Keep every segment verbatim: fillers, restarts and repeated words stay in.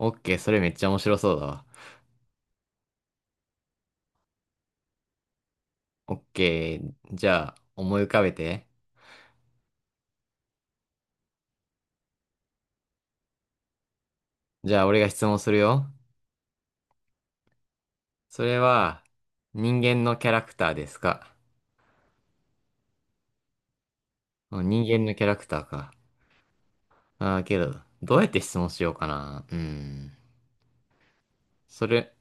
オッケー、それめっちゃ面白そうだわ。オッケー、じゃあ思い浮かべて。じゃあ俺が質問するよ。それは人間のキャラクターですか？うん人間のキャラクターか。ああ、けど、どうやって質問しようかな。うーん。それ、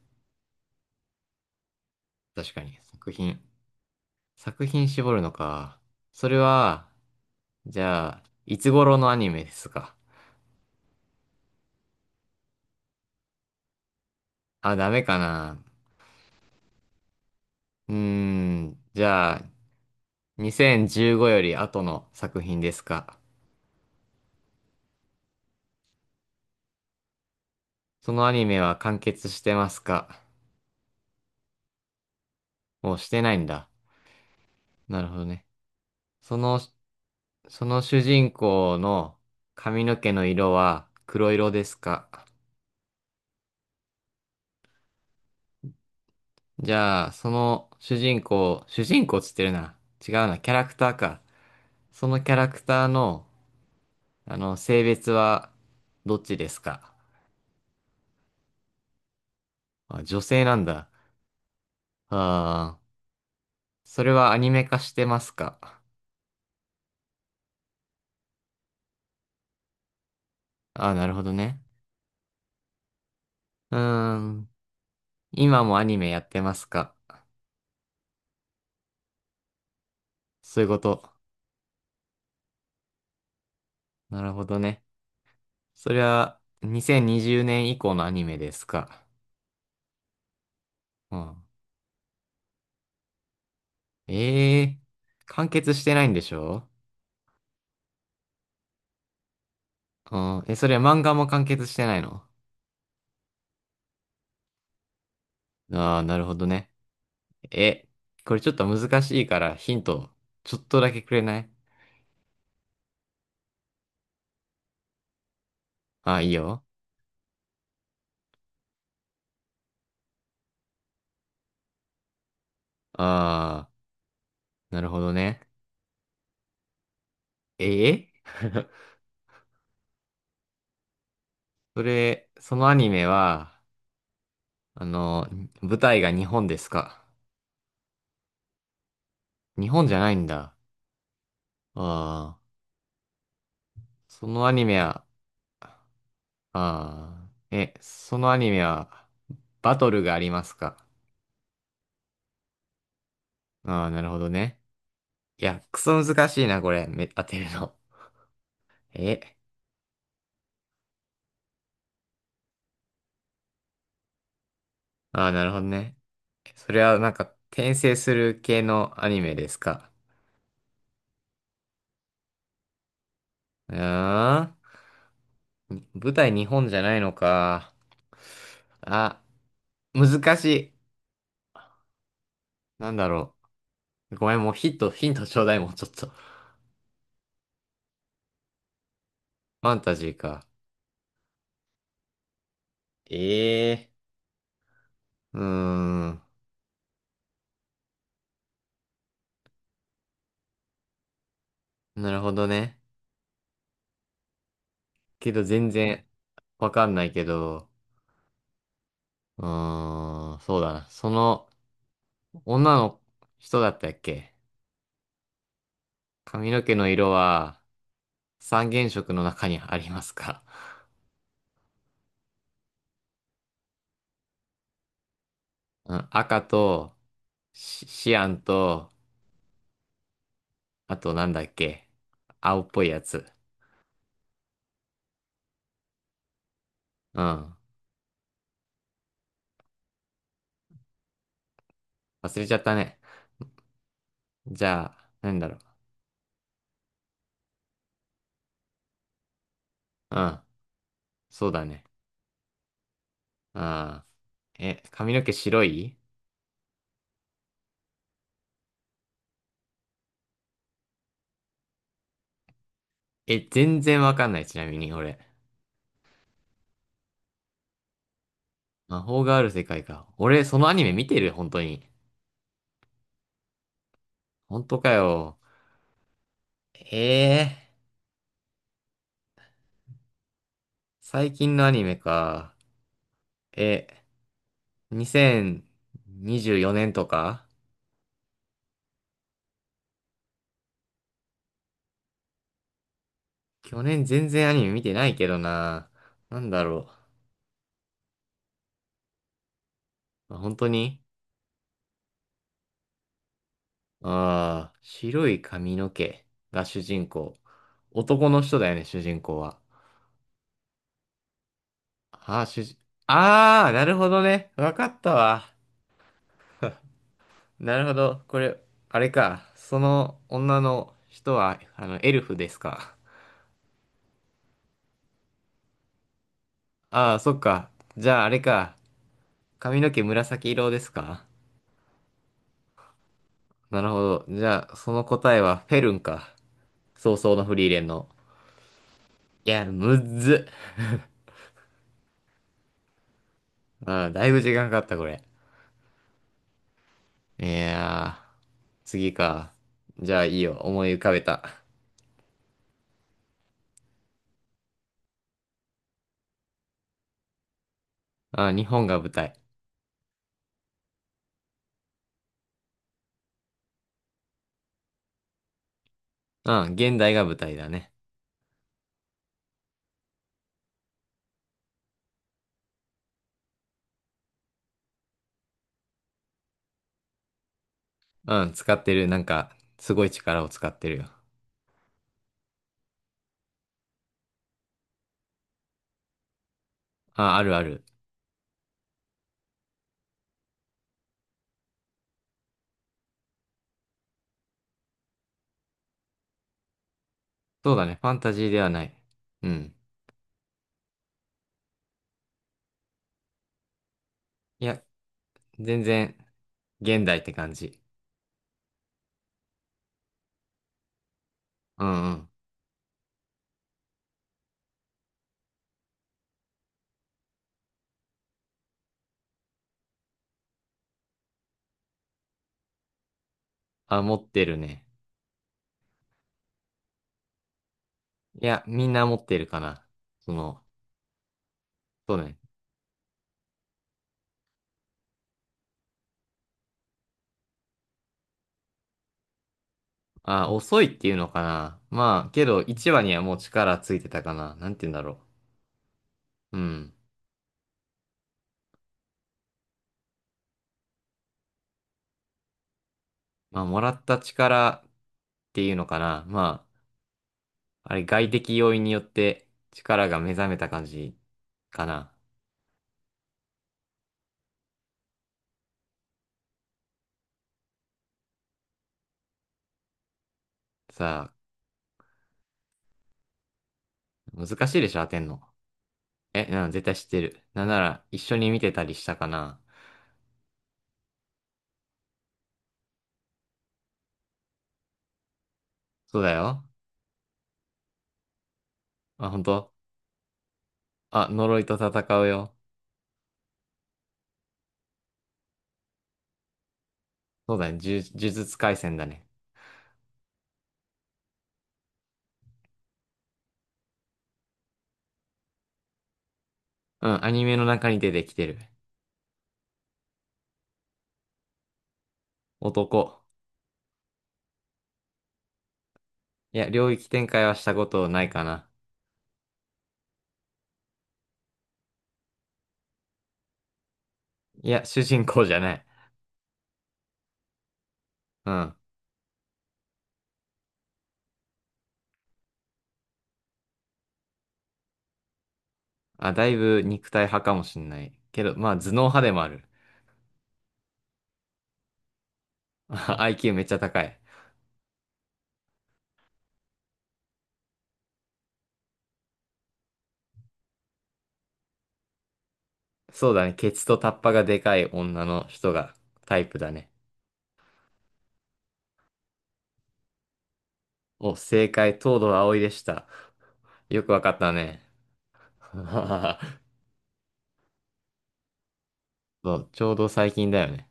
確かに、作品。作品絞るのか。それは、じゃあ、いつ頃のアニメですか？あ、ダメかな。うーん。じゃあ、にせんじゅうごより後の作品ですか？そのアニメは完結してますか？もうしてないんだ。なるほどね。その、その主人公の髪の毛の色は黒色ですか？じゃあ、その主人公、主人公っつってるな。違うな、キャラクターか。そのキャラクターの、あの、性別はどっちですか？あ、女性なんだ。ああ、それはアニメ化してますか？ああ、なるほどね。うーん、今もアニメやってますか？そういうこと。なるほどね。そりゃ、にせんにじゅうねん以降のアニメですか。うん。ええ完結してないんでしょ？うん。え、それは漫画も完結してないの？ああー、なるほどね。え、これちょっと難しいからヒント、ちょっとだけくれない？ああー、いいよ。ああ、なるほどね。ええ それ、そのアニメは、あの、舞台が日本ですか？日本じゃないんだ。ああ、そのアニメは、ああ。え、そのアニメは、バトルがありますか？ああ、なるほどね。いや、クソ難しいな、これ。め、当てるの。え、ああ、なるほどね。それはなんか、転生する系のアニメですか？うーん。舞台日本じゃないのか。あ、難しい。なんだろう。ごめん、もうヒット、ヒントちょうだい、もうちょっと。ファンタジーか。ええーうーん。なるほどね。けど全然わかんないけど。うーん、そうだな。その女の人だったっけ？髪の毛の色は三原色の中にありますか？うん、赤とシ、シアンと、あとなんだっけ？青っぽいやつ。うん。忘れちゃったね。じゃあ、なんだろう。うん。そうだね。うん。え、髪の毛白い？え、全然わかんない。ちなみに、俺。魔法がある世界か。俺、そのアニメ見てる本当に。本当かよ。ええー最近のアニメか。え、にせんにじゅうよねんとか？去年全然アニメ見てないけどな。なんだろう。まあ本当に。ああー、白い髪の毛が主人公。男の人だよね、主人公は。ああ、主人、ああ、なるほどね。わかったわ。なるほど。これ、あれか。その女の人は、あの、エルフですか。ああ、そっか。じゃあ、あれか。髪の毛紫色ですか？なるほど。じゃあ、その答えはフェルンか。早々のフリーレンの。いや、むっず。うん、だいぶ時間かかった、これ。いやー、次か。じゃあ、いいよ。思い浮かべた。あ、日本が舞台。うん、現代が舞台だね。うん、使ってる。なんか、すごい力を使ってるよ。あ、あるある。そうだね。ファンタジーではない。うん。いや、全然、現代って感じ。うんうん。あ、持ってるね。いや、みんな持ってるかな。その、そうね。あ、遅いっていうのかな。まあ、けどいちわにはもう力ついてたかな。なんて言うんだろう。うん。まあ、もらった力っていうのかな。まあ、あれ外的要因によって力が目覚めた感じかな。さあ、難しいでしょ、当てんの？え、なん、絶対知ってる。なんなら一緒に見てたりしたかな。そうだよ。あ、本当？あ、呪いと戦うよ。そうだね。呪、呪術廻戦だね。うん、アニメの中に出てきてる。男。いや、領域展開はしたことないかな。いや、主人公じゃない。うん。あ、だいぶ肉体派かもしんない。けど、まあ、頭脳派でもある。あ アイキュー めっちゃ高い。そうだね。ケツとタッパがでかい女の人がタイプだね。お、正解、東堂葵でした。よくわかったね。そう、ちょうど最近だよね。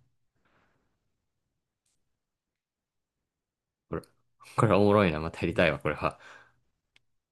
これ、これおもろいな。またやりたいわ、これは。